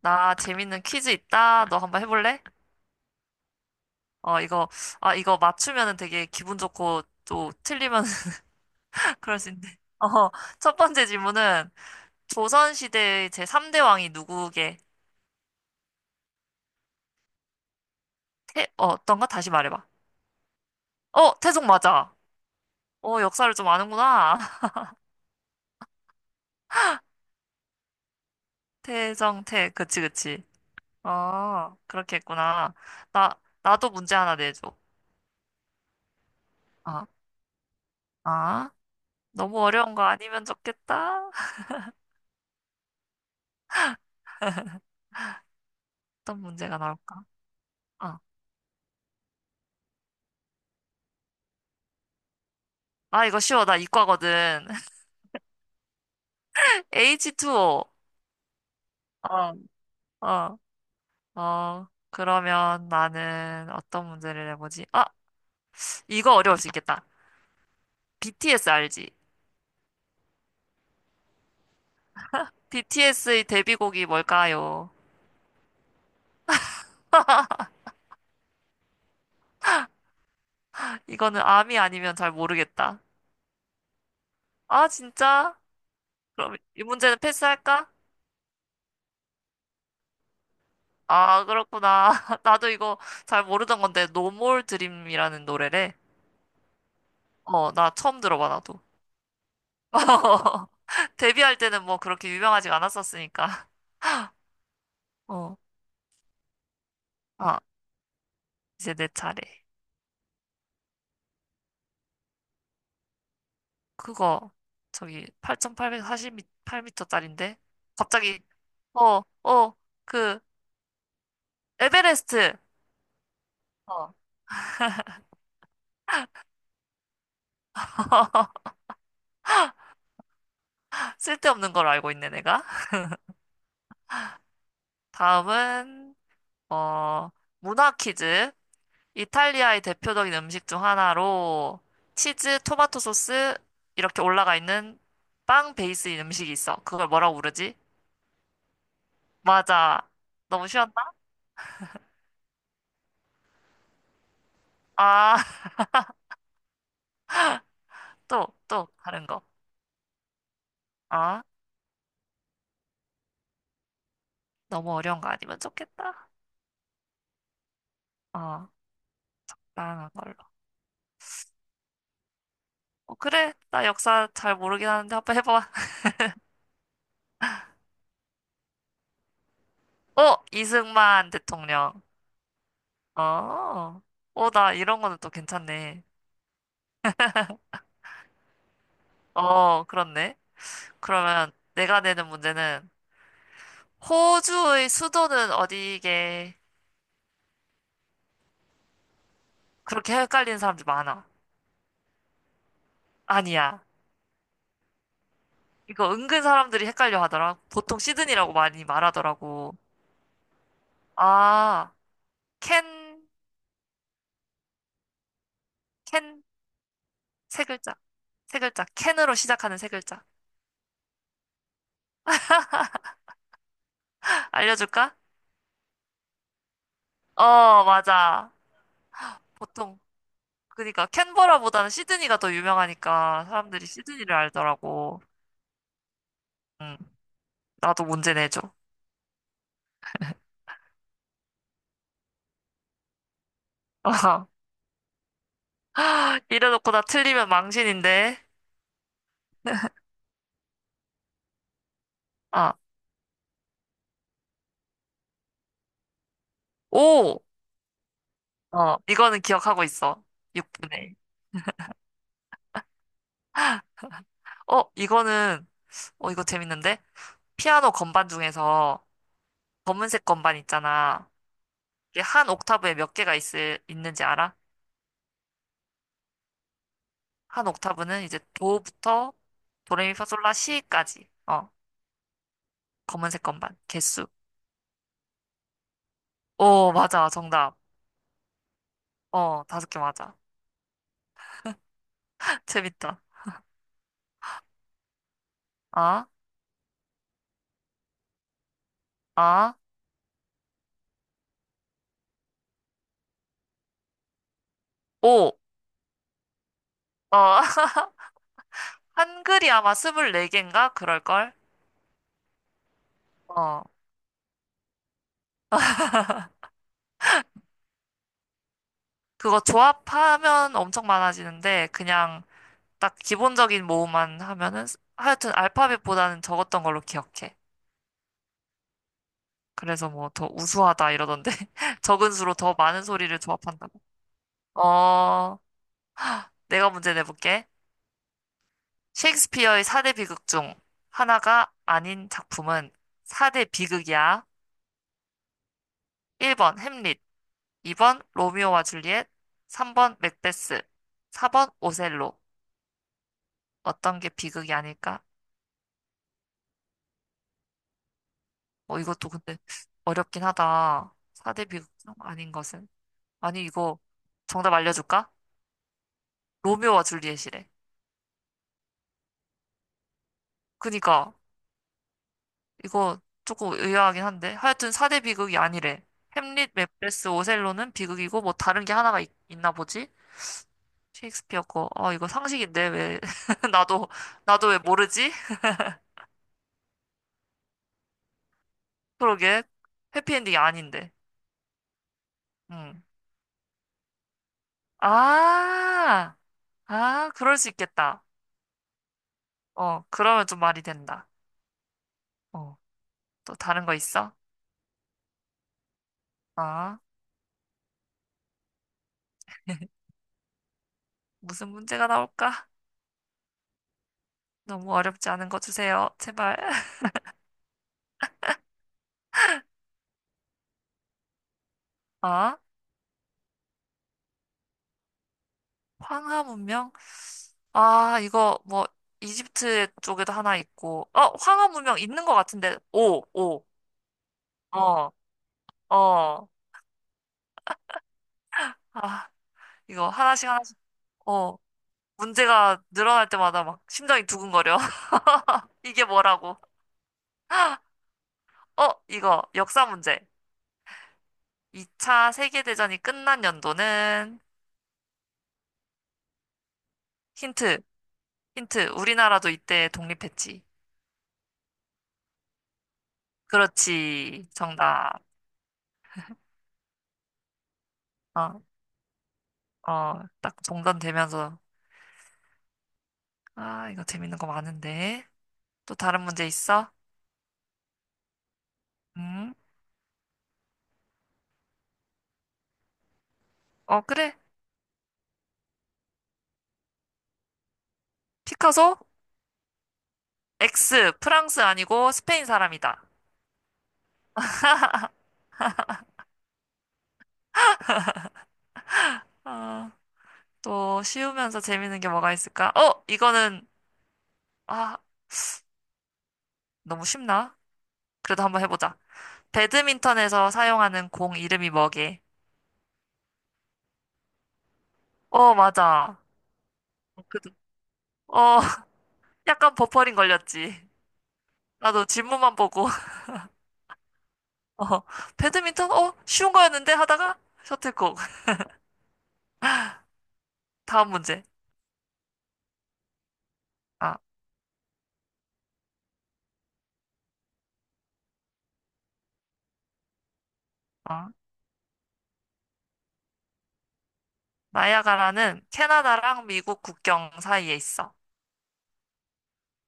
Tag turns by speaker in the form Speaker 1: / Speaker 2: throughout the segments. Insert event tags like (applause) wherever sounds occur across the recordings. Speaker 1: 나 재밌는 퀴즈 있다. 너 한번 해볼래? 이거, 이거 맞추면은 되게 기분 좋고 또 틀리면 (laughs) 그럴 수 있는데. 첫 번째 질문은 조선시대의 제3대 왕이 누구게? 어떤가? 다시 말해봐. 어, 태종 맞아. 역사를 좀 아는구나. (laughs) 태종 태 그치, 그치. 그렇게 했구나. 나도 문제 하나 내줘. 아, 아, 너무 어려운 거 아니면 좋겠다. 어떤 문제가 나올까? 아, 이거 쉬워. 나 이과거든. H2O. 어, 어. 그러면 나는 어떤 문제를 내보지? 아, 이거 어려울 수 있겠다. BTS 알지? BTS의 데뷔곡이 뭘까요? 이거는 암이 아니면 잘 모르겠다. 아, 진짜? 그럼 이 문제는 패스할까? 아, 그렇구나. (laughs) 나도 이거 잘 모르던 건데, No More Dream이라는 노래래. 나 처음 들어봐, 나도. (laughs) 데뷔할 때는 뭐 그렇게 유명하지가 않았었으니까. 어, 아, 이제 내 차례. 그거 저기 8,848m짜린데 갑자기 어, 어, 그 에베레스트. 어. (laughs) 쓸데없는 걸 알고 있네 내가. 다음은 어, 문화 퀴즈. 이탈리아의 대표적인 음식 중 하나로 치즈, 토마토 소스 이렇게 올라가 있는 빵 베이스인 음식이 있어. 그걸 뭐라고 부르지? 맞아. 너무 쉬웠나? 아, (laughs) 또, 또 다른 거. 아, 너무 어려운 거 아니면 좋겠다. 어. 다양한 걸로. 어, 그래. 나 역사 잘 모르긴 하는데 한번 해봐. (laughs) 어, 이승만 대통령. 어, 나 이런 거는 또 괜찮네. 어, 그렇네. 그러면 내가 내는 문제는 호주의 수도는 어디게? 그렇게 헷갈리는 사람들 많아. 아니야. 이거 은근 사람들이 헷갈려 하더라. 보통 시드니라고 많이 말하더라고. 아, 캔, 캔, 세 글자. 세 글자. 캔으로 시작하는 세 글자. 알려줄까? 어, 맞아. 보통 그러니까 캔버라보다는 시드니가 더 유명하니까 사람들이 시드니를 알더라고. 응, 나도 문제 내줘. (laughs) 이래놓고 나 틀리면 망신인데. 아, 오! 이거는 기억하고 있어. 6분의 어, 이거는, 이거 재밌는데? 피아노 건반 중에서 검은색 건반 있잖아. 이게 한 옥타브에 몇 개가 있는지 알아? 한 옥타브는 이제 도부터 도레미파솔라 시까지. 어, 검은색 건반. 개수. 오, 맞아. 정답. 어, 5개 맞아. (laughs) 재밌다. 아, 아, 오. 어, (laughs) 한글이 아마 24개인가? 그럴걸? 어, 그거 조합하면 엄청 많아지는데, 그냥 딱 기본적인 모음만 하면은, 하여튼 알파벳보다는 적었던 걸로 기억해. 그래서 뭐 더 우수하다 이러던데. (laughs) 적은 수로 더 많은 소리를 조합한다고. 어, 내가 문제 내볼게. 셰익스피어의 4대 비극 중 하나가 아닌 작품은 4대 비극이야. 1번 햄릿, 2번 로미오와 줄리엣, 3번 맥베스, 4번 오셀로. 어떤 게 비극이 아닐까? 이것도 근데 어렵긴 하다. 4대 비극 아닌 것은. 아니, 이거 정답 알려줄까? 로미오와 줄리엣이래. 그니까, 이거 조금 의아하긴 한데. 하여튼 4대 비극이 아니래. 햄릿, 맥베스, 오셀로는 비극이고, 뭐 다른 게 하나가 있, 나 보지? 셰익스피어 거. 아 이거 상식인데, 왜. (laughs) 나도, 나도 왜 모르지? 그러게. 해피엔딩이 아닌데. 음. 아, 그럴 수 있겠다. 그러면 좀 말이 된다. 어, 또 다른 거 있어? 아, 무슨 문제가 나올까? 너무 어렵지 않은 거 주세요. 제발. (laughs) 아, 황하 문명? 이거 뭐, 이집트 쪽에도 하나 있고. 황하 문명 있는 거 같은데. 오, 오. 어, 어. 아, 이거 하나씩 하나씩. 어, 문제가 늘어날 때마다 막 심장이 두근거려. (laughs) 이게 뭐라고? 이거 역사 문제. 2차 세계대전이 끝난 연도는 힌트, 힌트. 우리나라도 이때 독립했지. 그렇지. 정답. 어, 어, 딱 종전되면서. 아, 이거 재밌는 거 많은데. 또 다른 문제 있어? 음? 어, 그래. 피카소? X, 프랑스 아니고 스페인 사람이다. 아, 또 쉬우면서 재밌는 게 뭐가 있을까? 아, 너무 쉽나? 그래도 한번 해보자. 배드민턴에서 사용하는 공 이름이 뭐게? 어, 맞아. 그래도 어, (laughs) 약간 버퍼링 걸렸지. 나도 질문만 보고, (laughs) 어, 배드민턴? 어, 쉬운 거였는데? 하다가 셔틀콕. (laughs) 다음 문제. 아, 어. 나이아가라는 캐나다랑 미국 국경 사이에 있어.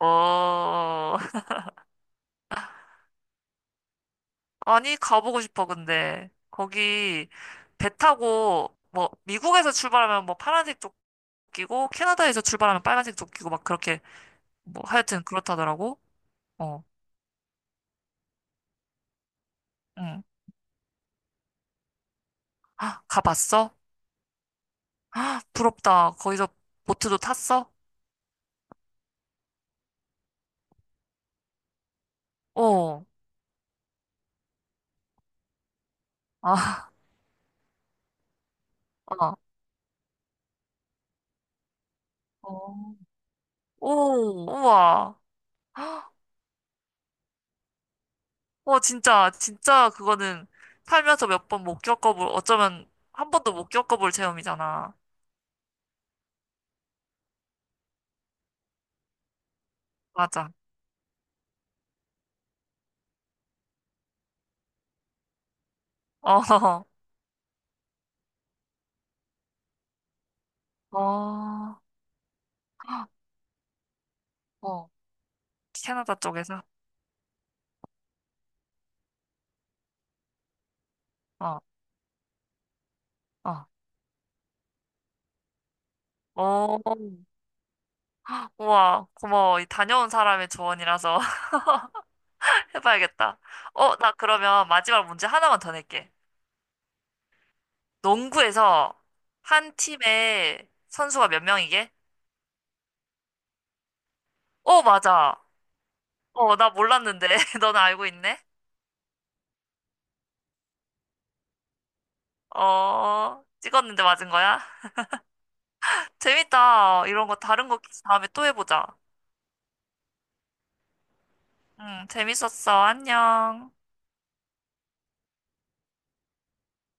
Speaker 1: 어, (laughs) 아니, 가보고 싶어, 근데. 거기 배 타고, 뭐, 미국에서 출발하면 뭐 파란색 조끼고, 캐나다에서 출발하면 빨간색 조끼고, 막 그렇게, 뭐, 하여튼 그렇다더라고. 어, 응. 가봤어? 부럽다. 거기서 보트도 탔어? 어, 아, 아, 어. 오, 우와. 헉, 와, 진짜, 진짜 그거는 살면서 몇 번 못 겪어볼, 어쩌면 한 번도 못 겪어볼 체험이잖아. 맞아. 어, (laughs) 어, 어. 캐나다 쪽에서? 어, 어. 어, 우와, 고마워. 이 다녀온 사람의 조언이라서 (laughs) 해봐야겠다. 어, 나 그러면 마지막 문제 하나만 더 낼게. 농구에서 한 팀에 선수가 몇 명이게? 어, 맞아. 나 몰랐는데. (laughs) 너는 알고 있네? 어, 찍었는데 맞은 거야? (laughs) 재밌다. 이런 거 다른 거 퀴즈 다음에 또 해보자. 응, 재밌었어. 안녕.